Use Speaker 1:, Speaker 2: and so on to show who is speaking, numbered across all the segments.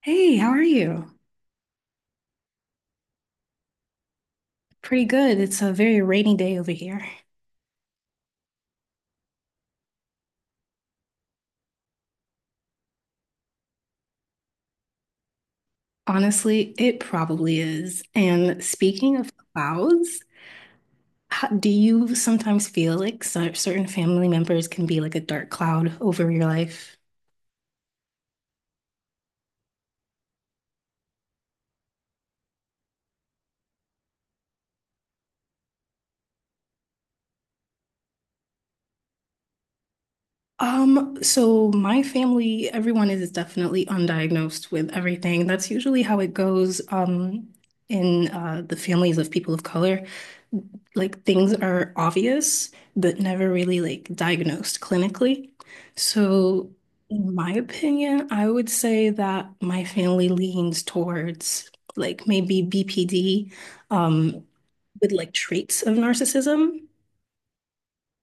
Speaker 1: Hey, how are you? Pretty good. It's a very rainy day over here. Honestly, it probably is. And speaking of clouds, do you sometimes feel like certain family members can be like a dark cloud over your life? So my family, everyone is definitely undiagnosed with everything. That's usually how it goes, in the families of people of color. Like things are obvious but never really like diagnosed clinically. So, in my opinion, I would say that my family leans towards like maybe BPD um with like traits of narcissism.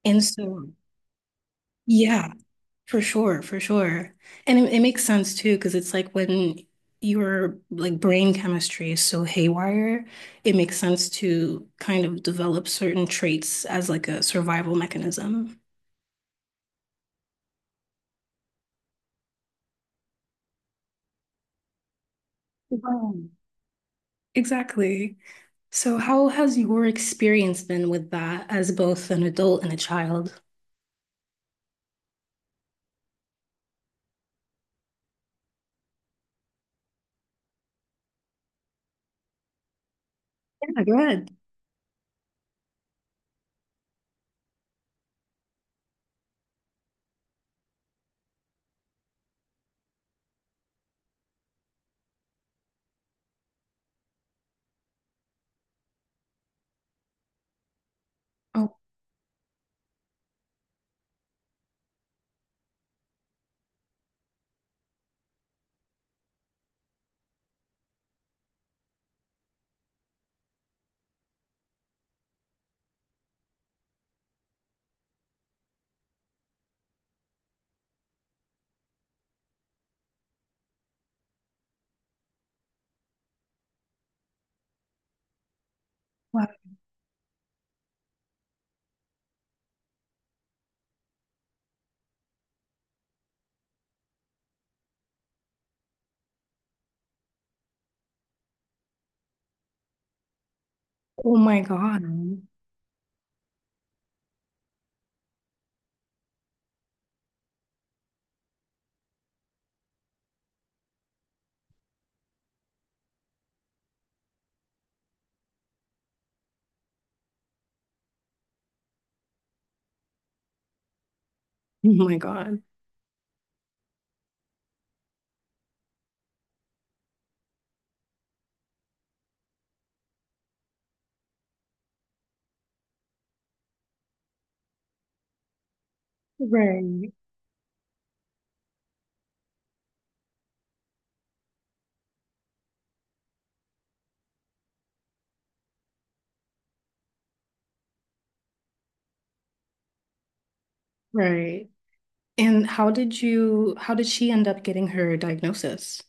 Speaker 1: And so, yeah, for sure, for sure. And it makes sense too, because it's like when your like brain chemistry is so haywire, it makes sense to kind of develop certain traits as like a survival mechanism. Right. Exactly. So how has your experience been with that as both an adult and a child? Yeah, good. Oh, wow. Oh my God. Oh my God. Right. Right. And how did she end up getting her diagnosis?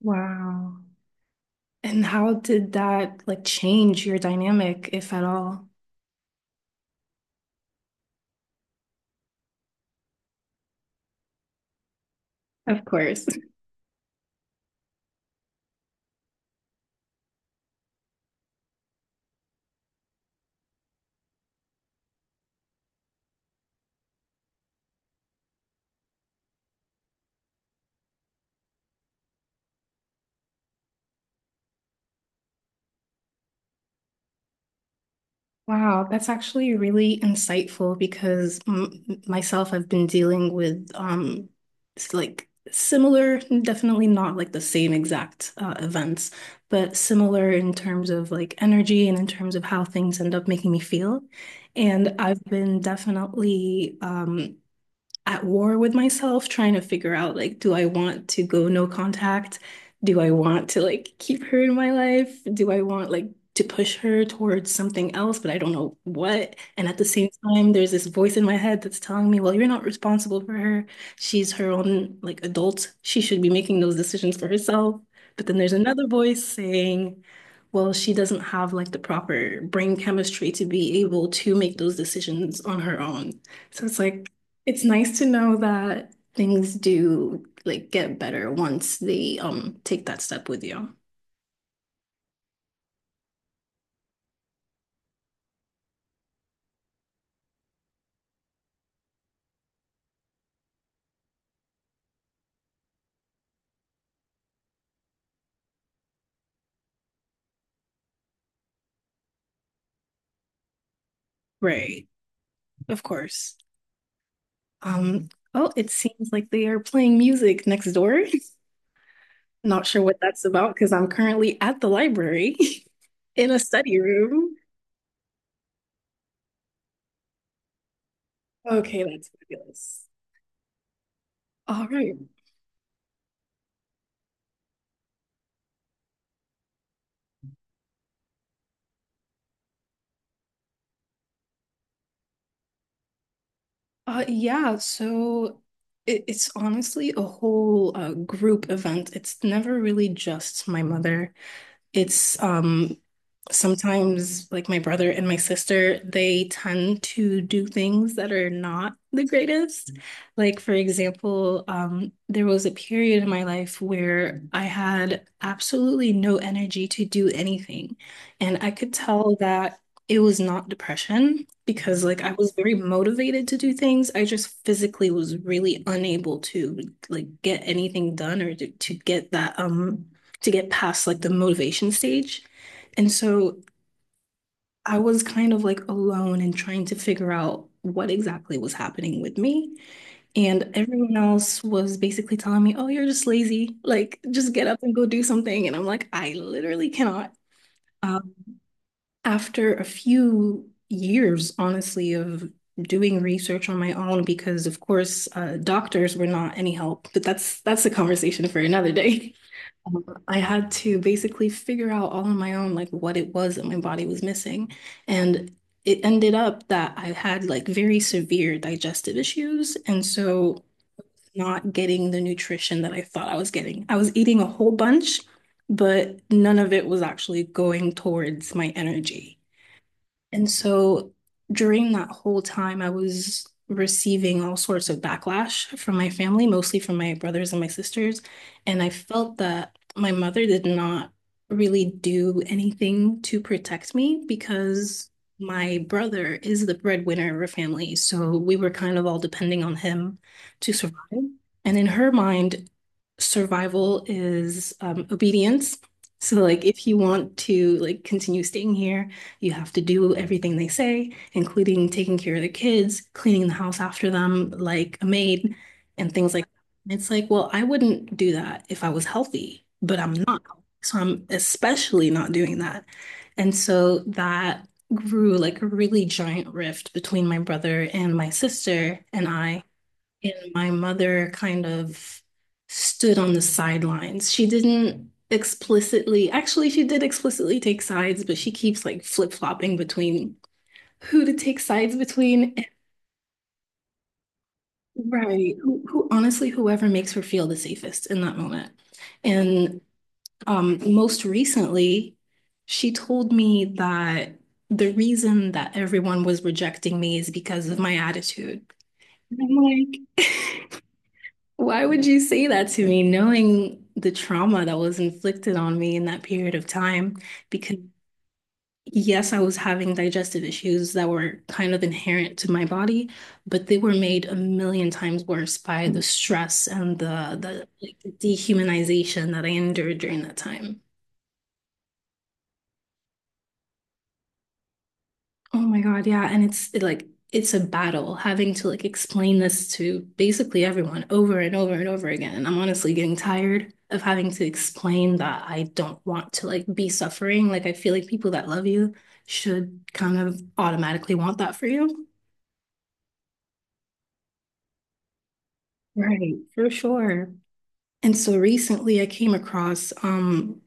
Speaker 1: Wow. And how did that like change your dynamic, if at all? Of course. Wow, that's actually really insightful because m myself, I've been dealing with like similar, definitely not like the same exact events, but similar in terms of like energy and in terms of how things end up making me feel. And I've been definitely at war with myself trying to figure out like, do I want to go no contact? Do I want to like keep her in my life? Do I want like to push her towards something else, but I don't know what. And at the same time, there's this voice in my head that's telling me, well, you're not responsible for her. She's her own like adult. She should be making those decisions for herself. But then there's another voice saying, well, she doesn't have like the proper brain chemistry to be able to make those decisions on her own. So it's like it's nice to know that things do like get better once they take that step with you. Right, of course. Um, oh, it seems like they are playing music next door. Not sure what that's about because I'm currently at the library in a study room. Okay, that's fabulous. All right. Yeah, so it's honestly a whole group event. It's never really just my mother. It's sometimes like my brother and my sister, they tend to do things that are not the greatest. Like for example, there was a period in my life where I had absolutely no energy to do anything, and I could tell that it was not depression because like I was very motivated to do things. I just physically was really unable to like get anything done, or to get that to get past like the motivation stage. And so I was kind of like alone and trying to figure out what exactly was happening with me. And everyone else was basically telling me, oh, you're just lazy. Like, just get up and go do something. And I'm like, I literally cannot. Um, After a few years, honestly, of doing research on my own, because of course, doctors were not any help, but that's a conversation for another day. I had to basically figure out all on my own, like what it was that my body was missing. And it ended up that I had like very severe digestive issues. And so, not getting the nutrition that I thought I was getting. I was eating a whole bunch, but none of it was actually going towards my energy. And so during that whole time, I was receiving all sorts of backlash from my family, mostly from my brothers and my sisters. And I felt that my mother did not really do anything to protect me, because my brother is the breadwinner of our family. So we were kind of all depending on him to survive. And in her mind, survival is obedience. So like if you want to like continue staying here, you have to do everything they say, including taking care of the kids, cleaning the house after them like a maid, and things like that. It's like, well, I wouldn't do that if I was healthy, but I'm not. So I'm especially not doing that. And so that grew like a really giant rift between my brother and my sister and I, and my mother kind of stood on the sidelines. She didn't explicitly, actually, she did explicitly take sides, but she keeps like flip-flopping between who to take sides between. And— Right. Who honestly, whoever makes her feel the safest in that moment. And most recently, she told me that the reason that everyone was rejecting me is because of my attitude. And I'm like, why would you say that to me, knowing the trauma that was inflicted on me in that period of time? Because yes, I was having digestive issues that were kind of inherent to my body, but they were made a million times worse by the stress and like, the dehumanization that I endured during that time. Oh my God, yeah. And like it's a battle having to like explain this to basically everyone over and over and over again. And I'm honestly getting tired of having to explain that I don't want to like be suffering. Like I feel like people that love you should kind of automatically want that for you. Right, for sure. And so recently I came across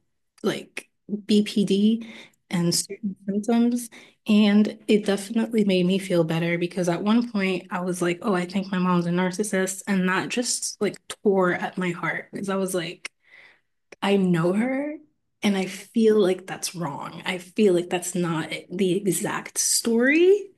Speaker 1: like BPD and certain symptoms, and it definitely made me feel better because at one point I was like, oh, I think my mom's a narcissist, and that just like tore at my heart because I was like, I know her and I feel like that's wrong. I feel like that's not the exact story.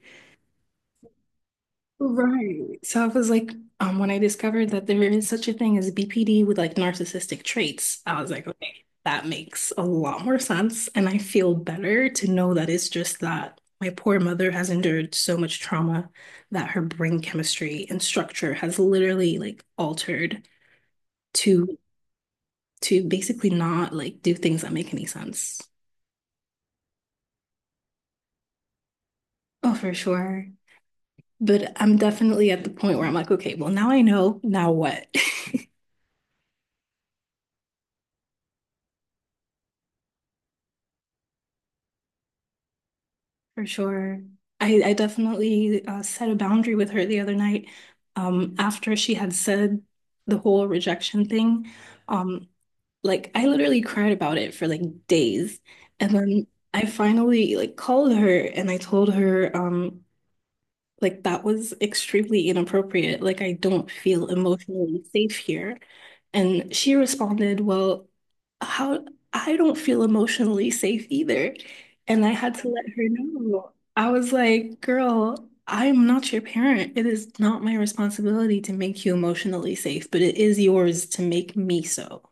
Speaker 1: Right. So I was like, when I discovered that there is such a thing as BPD with like narcissistic traits, I was like, okay, that makes a lot more sense. And I feel better to know that it's just that my poor mother has endured so much trauma that her brain chemistry and structure has literally like altered to to basically not like do things that make any sense. Oh, for sure. But I'm definitely at the point where I'm like, okay, well, now I know, now what? For sure. I definitely set a boundary with her the other night after she had said the whole rejection thing. Um, like I literally cried about it for like days. And then I finally like called her and I told her, like that was extremely inappropriate. Like I don't feel emotionally safe here. And she responded, well, how I don't feel emotionally safe either. And I had to let her know. I was like, girl, I'm not your parent. It is not my responsibility to make you emotionally safe, but it is yours to make me so.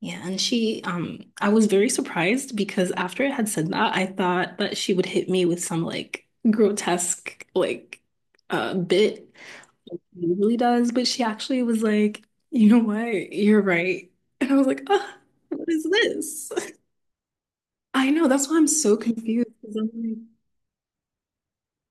Speaker 1: Yeah, and I was very surprised because after I had said that, I thought that she would hit me with some like grotesque like bit like she usually does, but she actually was like, you know what, you're right. And I was like, ah, what is this? I know, that's why I'm so confused. 'Cause I'm like,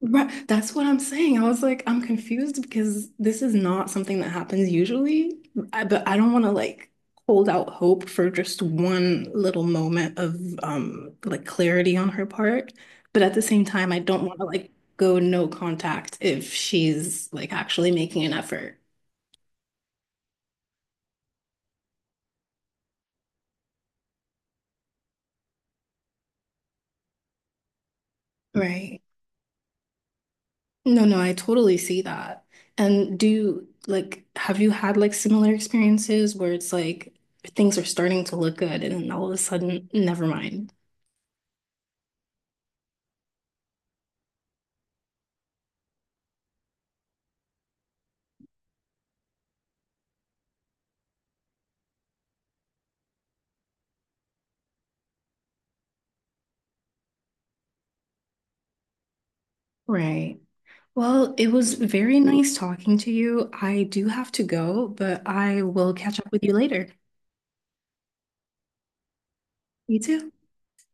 Speaker 1: right. That's what I'm saying. I was like, I'm confused because this is not something that happens usually. I, but I don't want to like hold out hope for just one little moment of like clarity on her part. But at the same time, I don't want to like go no contact if she's like actually making an effort. Right. No, no, I totally see that. And do you like, have you had like similar experiences where it's like things are starting to look good and then all of a sudden, never mind. Right. Well, it was very nice talking to you. I do have to go, but I will catch up with you later. You too.